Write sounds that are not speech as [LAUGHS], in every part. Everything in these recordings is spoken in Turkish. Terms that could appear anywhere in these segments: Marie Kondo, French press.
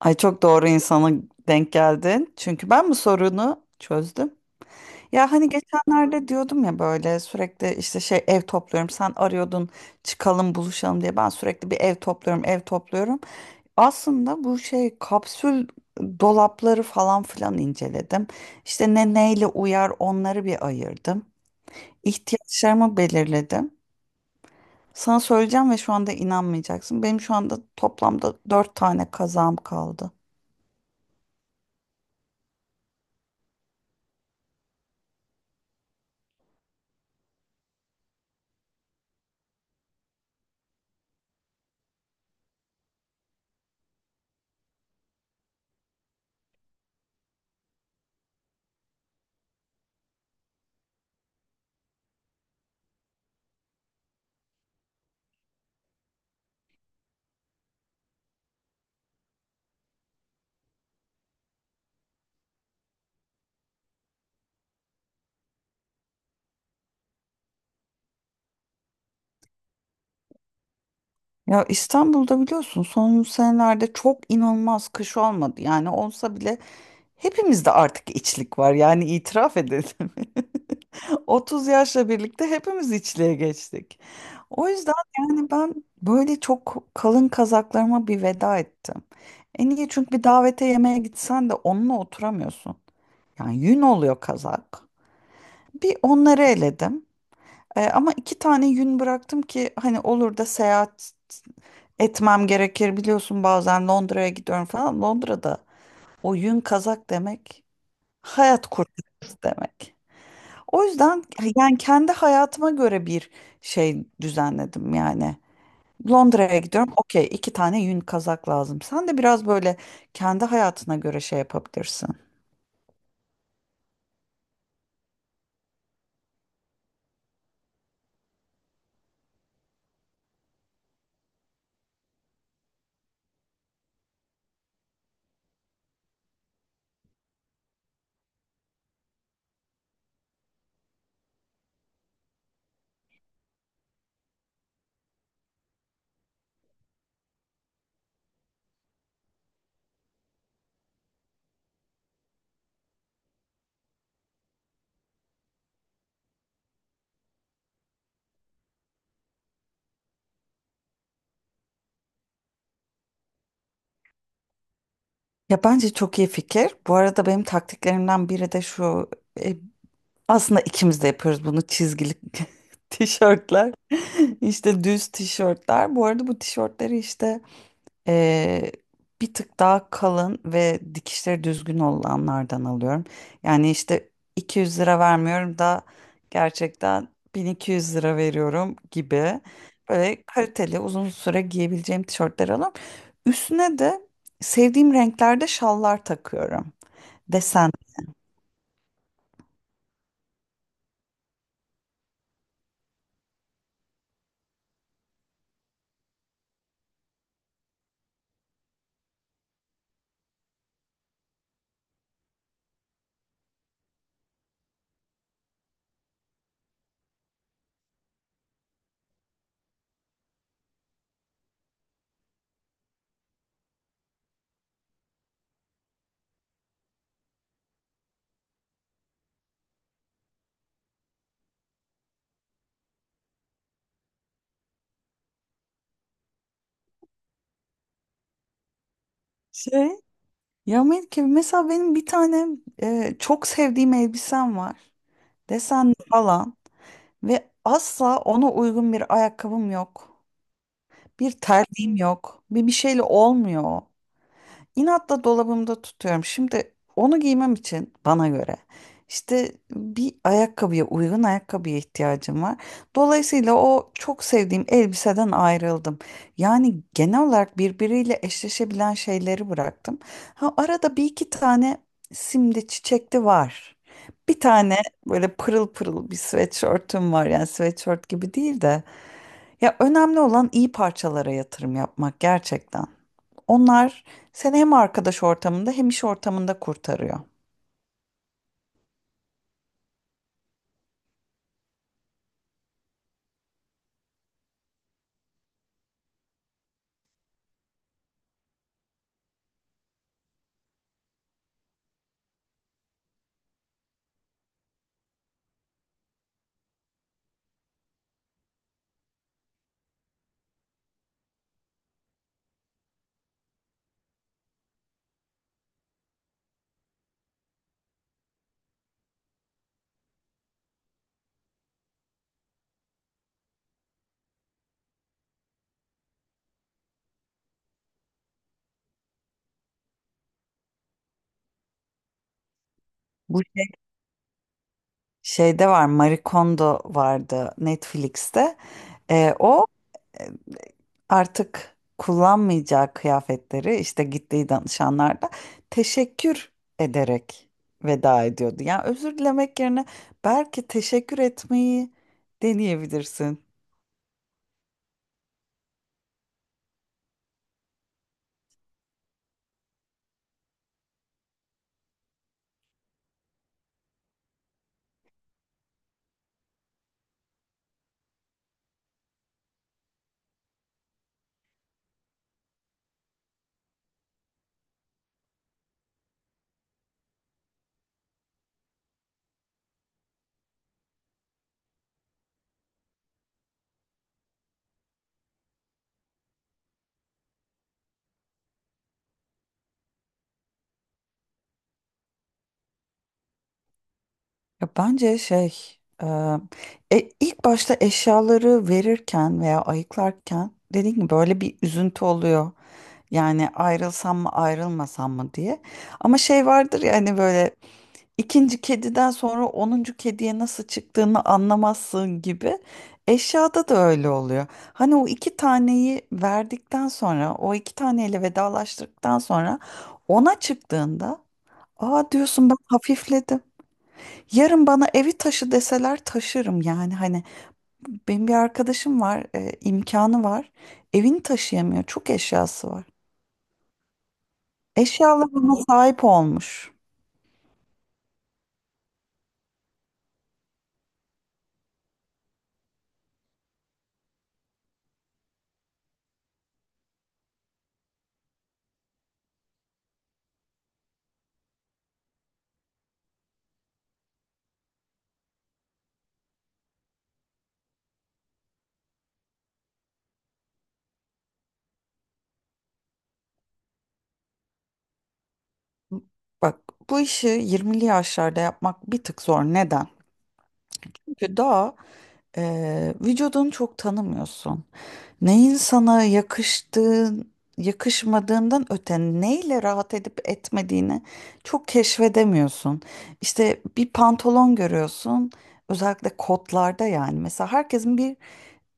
Ay çok doğru insana denk geldin. Çünkü ben bu sorunu çözdüm. Ya hani geçenlerde diyordum ya böyle sürekli işte şey ev topluyorum. Sen arıyordun çıkalım buluşalım diye. Ben sürekli bir ev topluyorum, ev topluyorum. Aslında bu şey kapsül dolapları falan filan inceledim. İşte ne neyle uyar onları bir ayırdım. İhtiyaçlarımı belirledim. Sana söyleyeceğim ve şu anda inanmayacaksın. Benim şu anda toplamda dört tane kazağım kaldı. Ya İstanbul'da biliyorsun son senelerde çok inanılmaz kış olmadı. Yani olsa bile hepimizde artık içlik var yani itiraf edelim. [LAUGHS] 30 yaşla birlikte hepimiz içliğe geçtik. O yüzden yani ben böyle çok kalın kazaklarıma bir veda ettim. En iyi çünkü bir davete yemeğe gitsen de onunla oturamıyorsun. Yani yün oluyor kazak. Bir onları eledim. Ama iki tane yün bıraktım ki hani olur da seyahat etmem gerekir. Biliyorsun bazen Londra'ya gidiyorum falan. Londra'da o yün kazak demek hayat kurtarıcısı demek. O yüzden yani kendi hayatıma göre bir şey düzenledim yani. Londra'ya gidiyorum. Okey, iki tane yün kazak lazım. Sen de biraz böyle kendi hayatına göre şey yapabilirsin. Ya bence çok iyi fikir. Bu arada benim taktiklerimden biri de şu. e, Aslında ikimiz de yapıyoruz bunu çizgili [LAUGHS] tişörtler. [LAUGHS] İşte düz tişörtler. Bu arada bu tişörtleri işte eee, bir tık daha kalın ve dikişleri düzgün olanlardan alıyorum. Yani işte 200 lira vermiyorum da gerçekten 1200 lira veriyorum gibi. Böyle kaliteli uzun süre giyebileceğim tişörtleri alıyorum. Üstüne de sevdiğim renklerde şallar takıyorum. Desen. Şey. Ya Melike mesela benim bir tane çok sevdiğim elbisem var. Desenli falan ve asla ona uygun bir ayakkabım yok. Bir terliğim yok. Bir şeyle olmuyor. İnatla dolabımda tutuyorum. Şimdi onu giymem için bana göre işte bir ayakkabıya uygun ayakkabıya ihtiyacım var. Dolayısıyla o çok sevdiğim elbiseden ayrıldım. Yani genel olarak birbiriyle eşleşebilen şeyleri bıraktım. Ha, arada bir iki tane simli çiçekli var. Bir tane böyle pırıl pırıl bir sweatshirt'üm var. Yani sweatshirt gibi değil de. Ya önemli olan iyi parçalara yatırım yapmak gerçekten. Onlar seni hem arkadaş ortamında hem iş ortamında kurtarıyor. Bu şey, şeyde var, Marie Kondo vardı Netflix'te. O e, artık kullanmayacağı kıyafetleri işte gittiği danışanlarda teşekkür ederek veda ediyordu. Yani özür dilemek yerine belki teşekkür etmeyi deneyebilirsin. Ya bence şey, e, ilk başta eşyaları verirken veya ayıklarken dediğim gibi böyle bir üzüntü oluyor. Yani ayrılsam mı ayrılmasam mı diye. Ama şey vardır ya hani böyle ikinci kediden sonra 10. kediye nasıl çıktığını anlamazsın gibi. Eşyada da öyle oluyor. Hani o iki taneyi verdikten sonra o iki taneyle vedalaştıktan sonra ona çıktığında aa diyorsun ben hafifledim. Yarın bana evi taşı deseler taşırım yani hani benim bir arkadaşım var imkanı var evini taşıyamıyor çok eşyası var. Eşyalarına sahip olmuş. Bak bu işi 20'li yaşlarda yapmak bir tık zor neden? Çünkü daha vücudunu çok tanımıyorsun. Neyin sana yakıştığın, yakışmadığından öte neyle rahat edip etmediğini çok keşfedemiyorsun. İşte bir pantolon görüyorsun, özellikle kotlarda yani. Mesela herkesin bir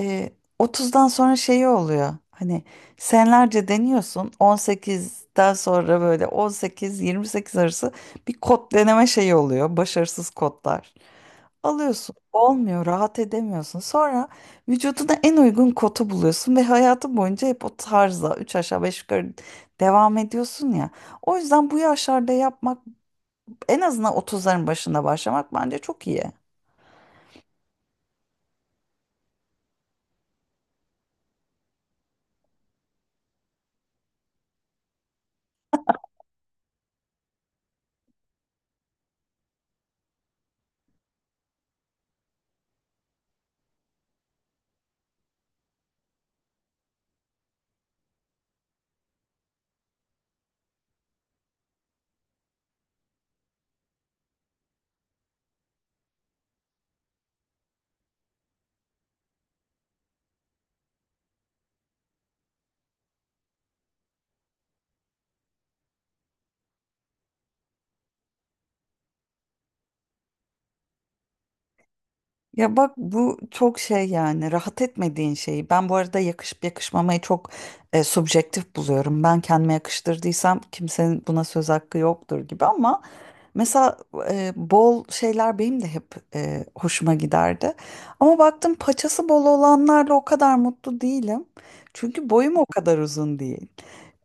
e, 30'dan sonra şeyi oluyor. Hani senelerce deniyorsun. 18'den sonra böyle 18-28 arası bir kod deneme şeyi oluyor. Başarısız kodlar. Alıyorsun olmuyor rahat edemiyorsun. Sonra vücuduna en uygun kodu buluyorsun ve hayatın boyunca hep o tarza 3 aşağı 5 yukarı devam ediyorsun ya. O yüzden bu yaşlarda yapmak en azından 30'ların başında başlamak bence çok iyi. Ya bak bu çok şey yani rahat etmediğin şeyi. Ben bu arada yakışıp yakışmamayı çok subjektif buluyorum. Ben kendime yakıştırdıysam kimsenin buna söz hakkı yoktur gibi ama mesela bol şeyler benim de hep hoşuma giderdi. Ama baktım paçası bol olanlarla o kadar mutlu değilim. Çünkü boyum o kadar uzun değil.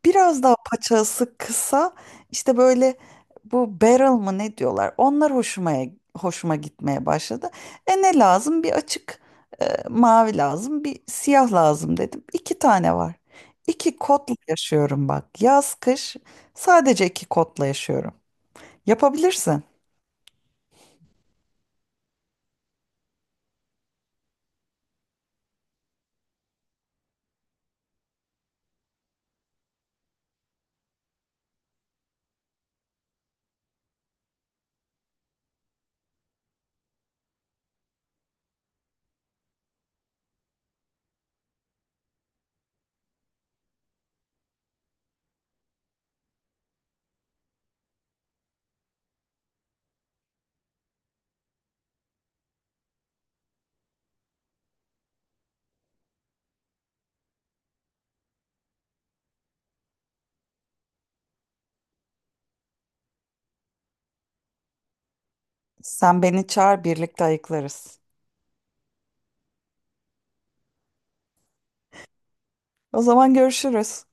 Biraz daha paçası kısa işte böyle bu barrel mı ne diyorlar onlar hoşuma gitmeye başladı. Ne lazım bir açık mavi lazım bir siyah lazım dedim. İki tane var. İki kotla yaşıyorum bak yaz kış sadece iki kotla yaşıyorum. Yapabilirsin. Sen beni çağır birlikte ayıklarız. O zaman görüşürüz.